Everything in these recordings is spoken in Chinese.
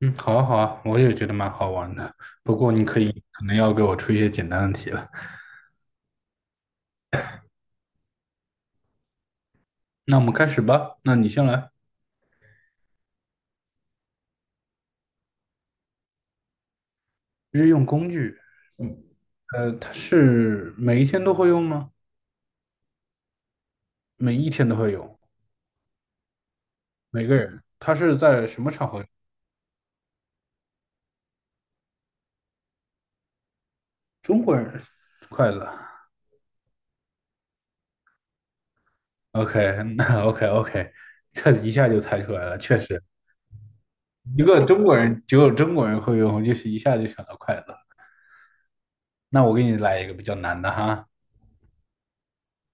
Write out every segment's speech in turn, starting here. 嗯，好啊，好啊，我也觉得蛮好玩的。不过你可能要给我出一些简单的题了。那我们开始吧。那你先来。日用工具，嗯，它是每一天都会用吗？每一天都会用，每个人。它是在什么场合？中国人，筷子。OK，那 OK，OK，这一下就猜出来了。确实，一个中国人只有中国人会用，我就是一下就想到筷子了。那我给你来一个比较难的哈，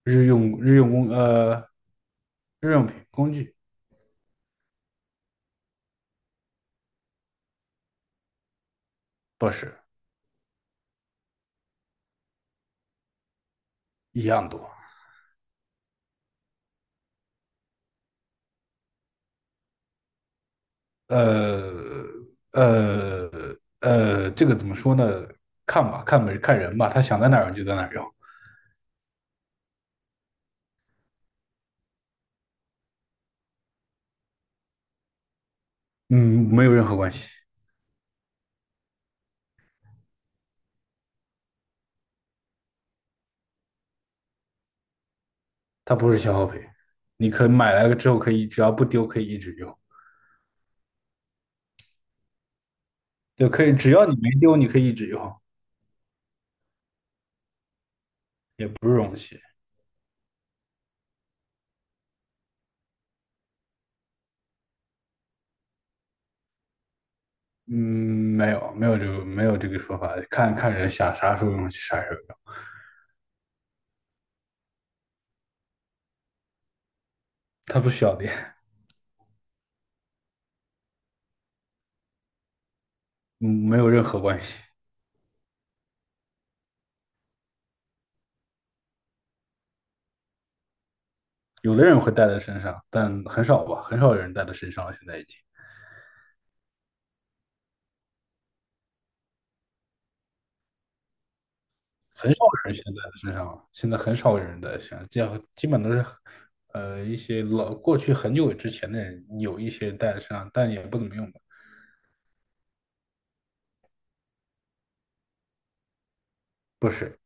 日用日用工呃日用品工具。不是，一样多。呃呃这个怎么说呢？看吧，看呗，看人吧，他想在哪儿用就在哪儿用。嗯，没有任何关系，它不是消耗品。你可以买来了之后，可以只要不丢，可以一直用，就可以只要你没丢，你可以一直用，也不是容器。嗯，没有这个说法，看看人想啥时候用啥时候用。它不需要电。嗯，没有任何关系。有的人会带在身上，但很少吧，很少有人带在身上了，现在已经。很少人现在在身上了，现在很少有人在身上，基本都是，呃，一些老过去很久之前的人有一些带在身上，但也不怎么用吧。不是。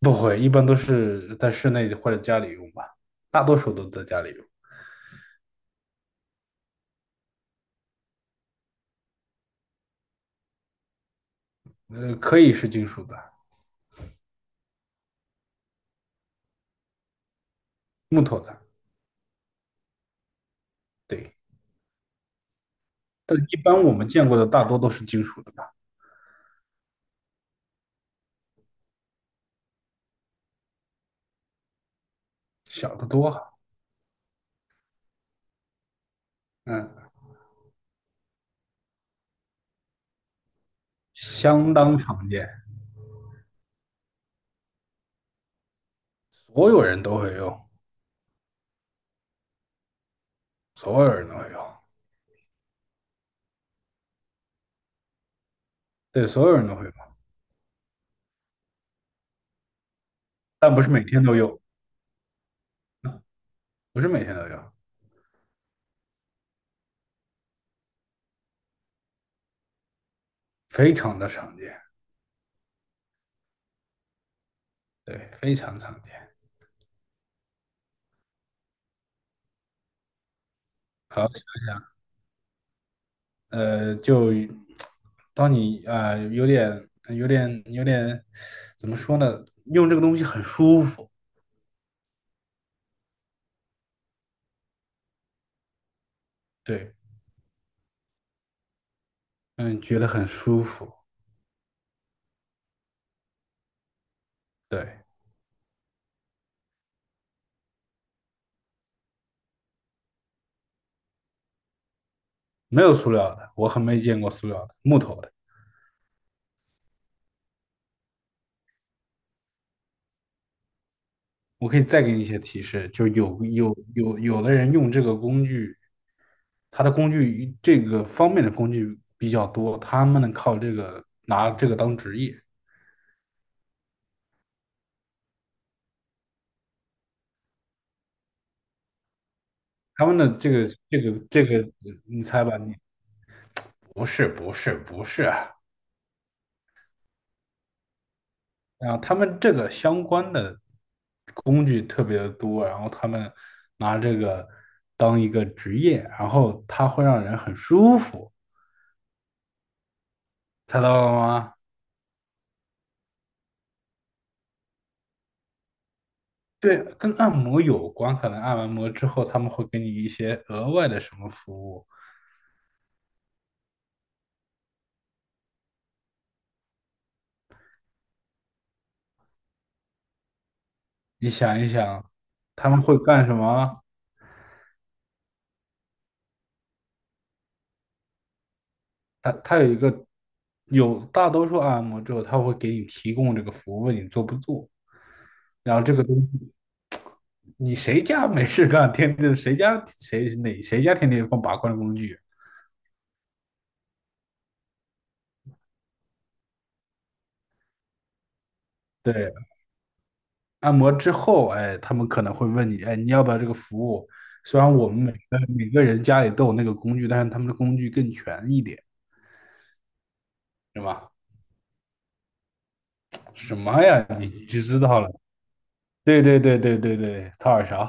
不会，一般都是在室内或者家里用吧，大多数都在家里用。呃，可以是金属的、木头的。对，但一般我们见过的大多都是金属的吧。小的多哈。嗯，相当常见，所有人都会用，所有人都会用。对，所有人都会用，但不是每天都用，不是每天都用。非常的常见。对，非常常见。好，想想。就当你有点、有点怎么说呢？用这个东西很舒服。对，嗯，觉得很舒服。对，没有塑料的，我很没见过塑料的，木头的。我可以再给你一些提示，就有的人用这个工具，他的工具这个方面的工具比较多，他们能靠这个拿这个当职业。他们的这个，你猜吧？你不是啊！啊他们这个相关的工具特别的多，然后他们拿这个当一个职业，然后它会让人很舒服，猜到了吗？对，跟按摩有关，可能按完摩之后他们会给你一些额外的什么服务。你想一想，他们会干什么？它有一个，有大多数按摩之后，他会给你提供这个服务，问你做不做。然后这个东西，你谁家没事干，天天谁家天天放拔罐工具？对，按摩之后，哎，他们可能会问你，哎，你要不要这个服务？虽然我们每个人家里都有那个工具，但是他们的工具更全一点，是吧？什么呀？你就知道了？对，掏耳勺。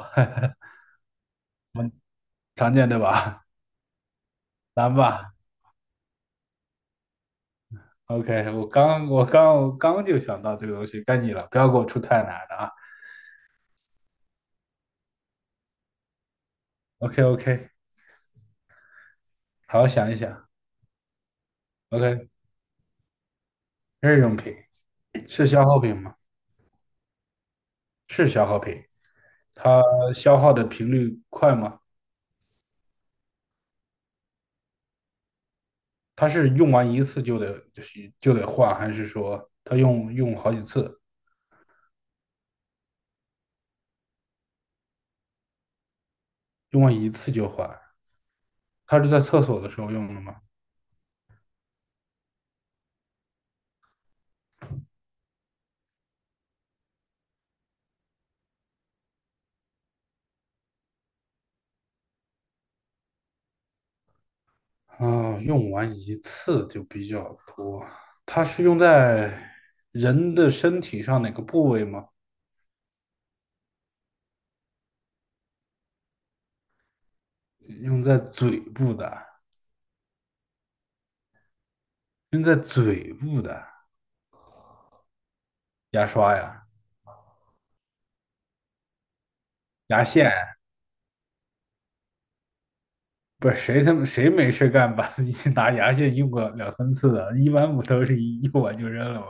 常见对吧？难吧？OK，我刚就想到这个东西，该你了，不要给我出太难的啊。OK OK，好好想一想。OK，日用品是消耗品吗？是消耗品，它消耗的频率快吗？它是用完一次就得换，还是说它用好几次，用完一次就换？它是在厕所的时候用的吗？啊、用完一次就比较多。它是用在人的身体上哪个部位吗？用在嘴部的，用在嘴部的牙刷呀、牙线，不是谁他妈谁没事干把自己拿牙线用过两三次的？一般不都是一用完就扔了吗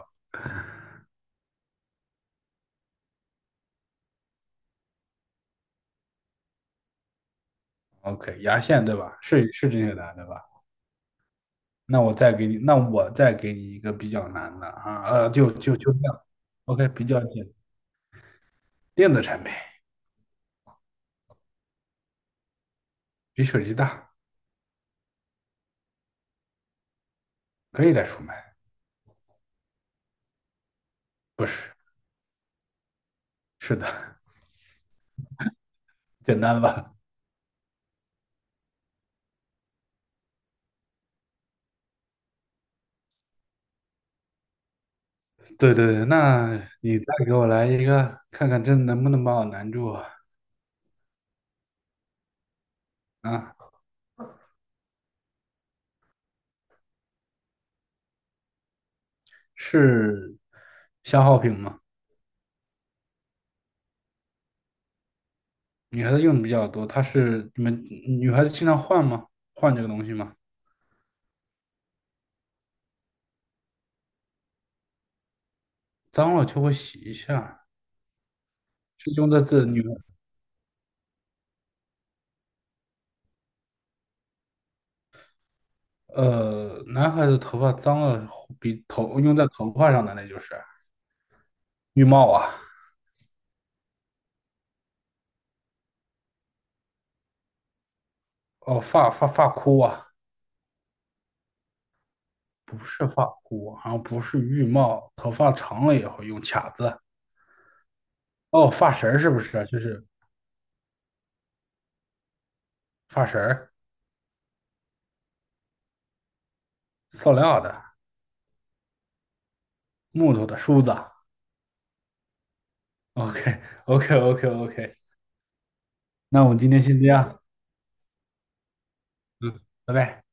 ？OK，牙线对吧？是是这些难对吧？那我再给你一个比较难的啊，就这样。OK，比较简单，电子产品比手机大，可以带出门，不是，是的，简单吧？对对对，那你再给我来一个，看看这能不能把我难住啊？是消耗品吗？女孩子用的比较多，它是你们女孩子经常换吗？换这个东西吗？脏了就会洗一下，是用在自女男孩子头发脏了比头用在头发上的那就是浴帽啊，哦发箍啊，不是发箍，好像不是浴帽，头发长了也会用卡子，哦发绳儿是不是啊？就是发绳儿，塑料的、木头的梳子。OK OK OK，那我们今天先这样。嗯，拜拜。